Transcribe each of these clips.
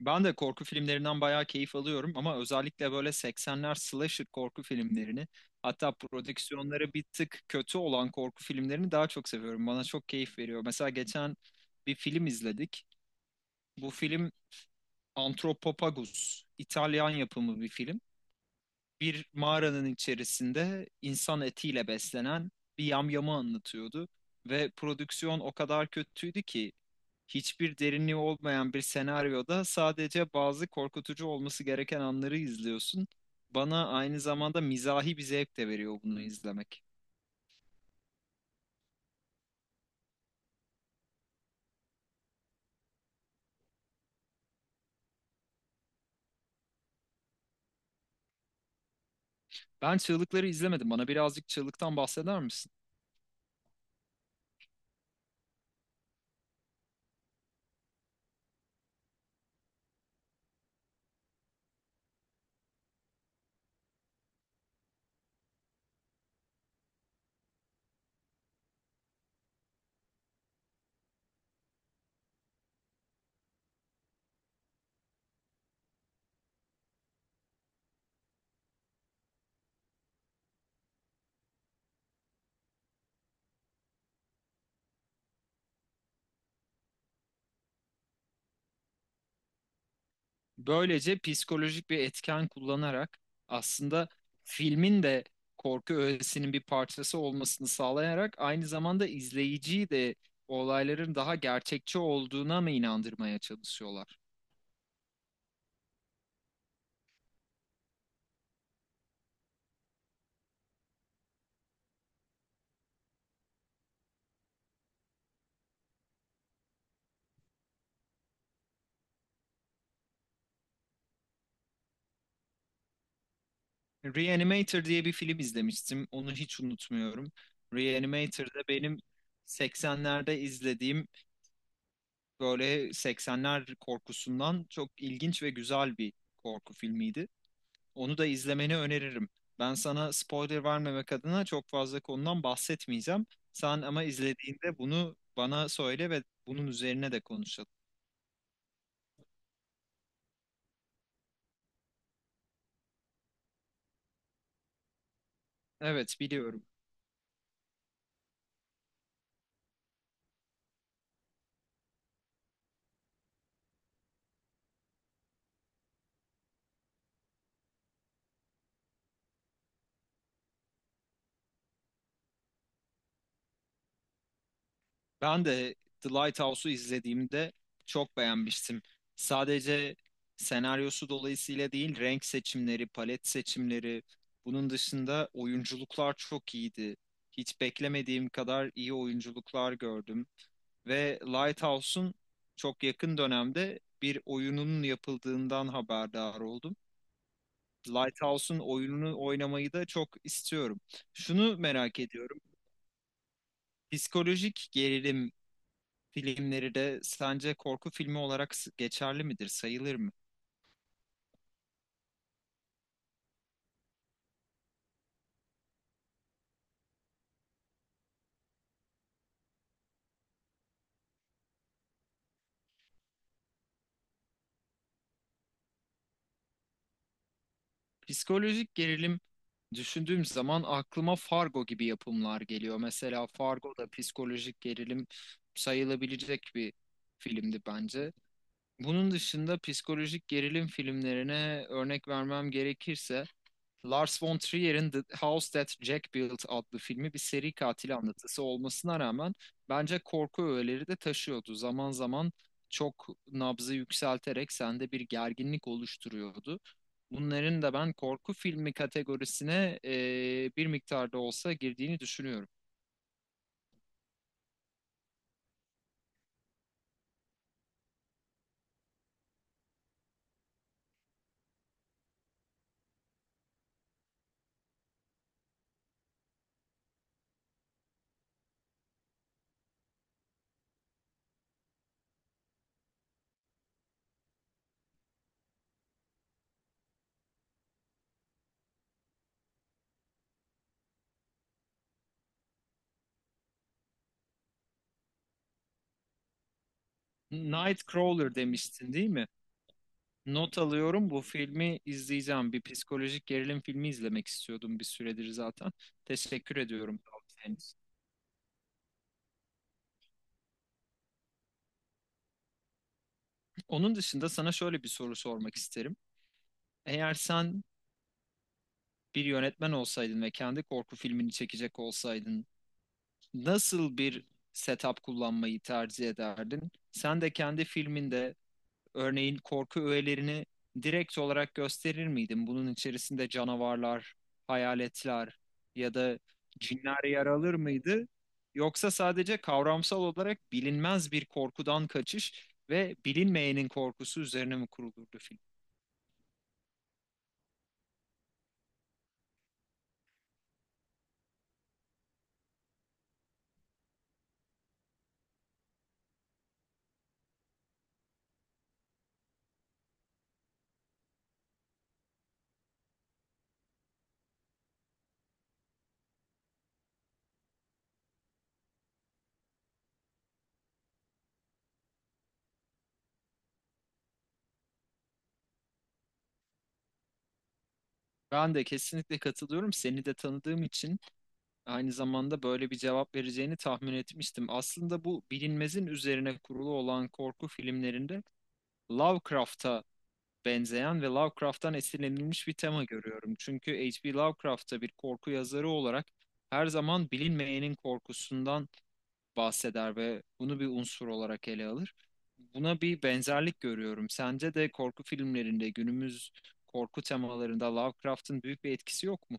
Ben de korku filmlerinden bayağı keyif alıyorum ama özellikle böyle 80'ler slasher korku filmlerini hatta prodüksiyonları bir tık kötü olan korku filmlerini daha çok seviyorum. Bana çok keyif veriyor. Mesela geçen bir film izledik. Bu film Antropopagus, İtalyan yapımı bir film, bir mağaranın içerisinde insan etiyle beslenen bir yamyamı anlatıyordu. Ve prodüksiyon o kadar kötüydü ki hiçbir derinliği olmayan bir senaryoda sadece bazı korkutucu olması gereken anları izliyorsun. Bana aynı zamanda mizahi bir zevk de veriyor bunu izlemek. Ben çığlıkları izlemedim. Bana birazcık çığlıktan bahseder misin? Böylece psikolojik bir etken kullanarak aslında filmin de korku öğesinin bir parçası olmasını sağlayarak aynı zamanda izleyiciyi de olayların daha gerçekçi olduğuna mı inandırmaya çalışıyorlar? Reanimator diye bir film izlemiştim. Onu hiç unutmuyorum. Reanimator'da benim 80'lerde izlediğim böyle 80'ler korkusundan çok ilginç ve güzel bir korku filmiydi. Onu da izlemeni öneririm. Ben sana spoiler vermemek adına çok fazla konudan bahsetmeyeceğim. Sen ama izlediğinde bunu bana söyle ve bunun üzerine de konuşalım. Evet, biliyorum. Ben de The Lighthouse'u izlediğimde çok beğenmiştim. Sadece senaryosu dolayısıyla değil, renk seçimleri, palet seçimleri, bunun dışında oyunculuklar çok iyiydi. Hiç beklemediğim kadar iyi oyunculuklar gördüm. Ve Lighthouse'un çok yakın dönemde bir oyununun yapıldığından haberdar oldum. Lighthouse'un oyununu oynamayı da çok istiyorum. Şunu merak ediyorum. Psikolojik gerilim filmleri de sence korku filmi olarak geçerli midir, sayılır mı? Psikolojik gerilim düşündüğüm zaman aklıma Fargo gibi yapımlar geliyor. Mesela Fargo da psikolojik gerilim sayılabilecek bir filmdi bence. Bunun dışında psikolojik gerilim filmlerine örnek vermem gerekirse Lars von Trier'in The House That Jack Built adlı filmi bir seri katil anlatısı olmasına rağmen bence korku öğeleri de taşıyordu. Zaman zaman çok nabzı yükselterek sende bir gerginlik oluşturuyordu. Bunların da ben korku filmi kategorisine bir miktarda olsa girdiğini düşünüyorum. Nightcrawler demiştin değil mi? Not alıyorum. Bu filmi izleyeceğim. Bir psikolojik gerilim filmi izlemek istiyordum bir süredir zaten. Teşekkür ediyorum tavsiyeniz. Onun dışında sana şöyle bir soru sormak isterim. Eğer sen bir yönetmen olsaydın ve kendi korku filmini çekecek olsaydın, nasıl bir setup kullanmayı tercih ederdin? Sen de kendi filminde örneğin korku öğelerini direkt olarak gösterir miydin? Bunun içerisinde canavarlar, hayaletler ya da cinler yer alır mıydı? Yoksa sadece kavramsal olarak bilinmez bir korkudan kaçış ve bilinmeyenin korkusu üzerine mi kurulurdu film? Ben de kesinlikle katılıyorum. Seni de tanıdığım için aynı zamanda böyle bir cevap vereceğini tahmin etmiştim. Aslında bu bilinmezin üzerine kurulu olan korku filmlerinde Lovecraft'a benzeyen ve Lovecraft'tan esinlenilmiş bir tema görüyorum. Çünkü H.P. Lovecraft'ta bir korku yazarı olarak her zaman bilinmeyenin korkusundan bahseder ve bunu bir unsur olarak ele alır. Buna bir benzerlik görüyorum. Sence de korku filmlerinde günümüz korku temalarında Lovecraft'ın büyük bir etkisi yok mu?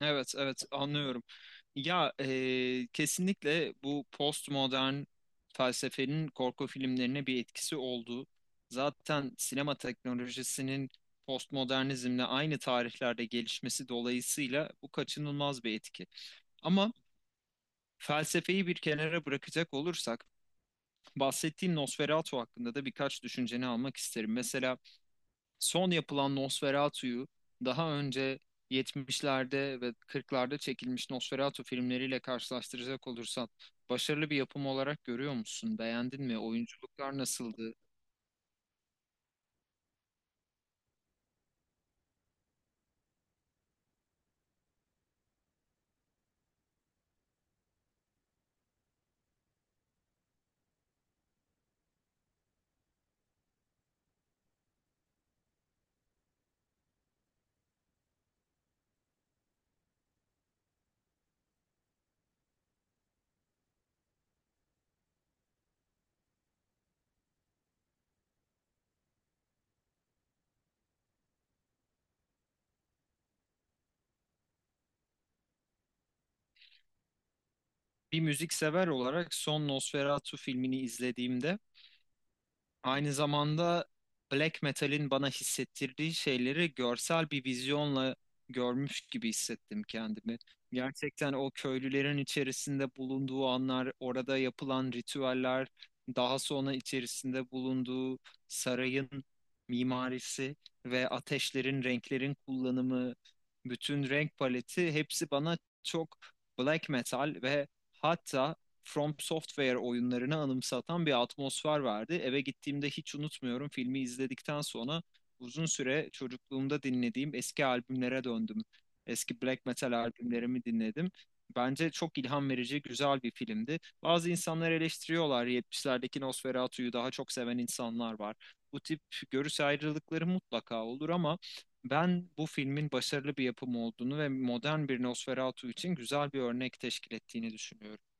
Evet, evet anlıyorum. Kesinlikle bu postmodern felsefenin korku filmlerine bir etkisi oldu. Zaten sinema teknolojisinin postmodernizmle aynı tarihlerde gelişmesi dolayısıyla bu kaçınılmaz bir etki. Ama felsefeyi bir kenara bırakacak olursak bahsettiğin Nosferatu hakkında da birkaç düşünceni almak isterim. Mesela son yapılan Nosferatu'yu daha önce 70'lerde ve 40'larda çekilmiş Nosferatu filmleriyle karşılaştıracak olursan başarılı bir yapım olarak görüyor musun? Beğendin mi? Oyunculuklar nasıldı? Bir müzik sever olarak son Nosferatu filmini izlediğimde aynı zamanda black metal'in bana hissettirdiği şeyleri görsel bir vizyonla görmüş gibi hissettim kendimi. Gerçekten o köylülerin içerisinde bulunduğu anlar, orada yapılan ritüeller, daha sonra içerisinde bulunduğu sarayın mimarisi ve ateşlerin, renklerin kullanımı, bütün renk paleti hepsi bana çok black metal ve hatta From Software oyunlarını anımsatan bir atmosfer vardı. Eve gittiğimde hiç unutmuyorum, filmi izledikten sonra uzun süre çocukluğumda dinlediğim eski albümlere döndüm. Eski black metal albümlerimi dinledim. Bence çok ilham verici, güzel bir filmdi. Bazı insanlar eleştiriyorlar. 70'lerdeki Nosferatu'yu daha çok seven insanlar var. Bu tip görüş ayrılıkları mutlaka olur ama ben bu filmin başarılı bir yapım olduğunu ve modern bir Nosferatu için güzel bir örnek teşkil ettiğini düşünüyorum.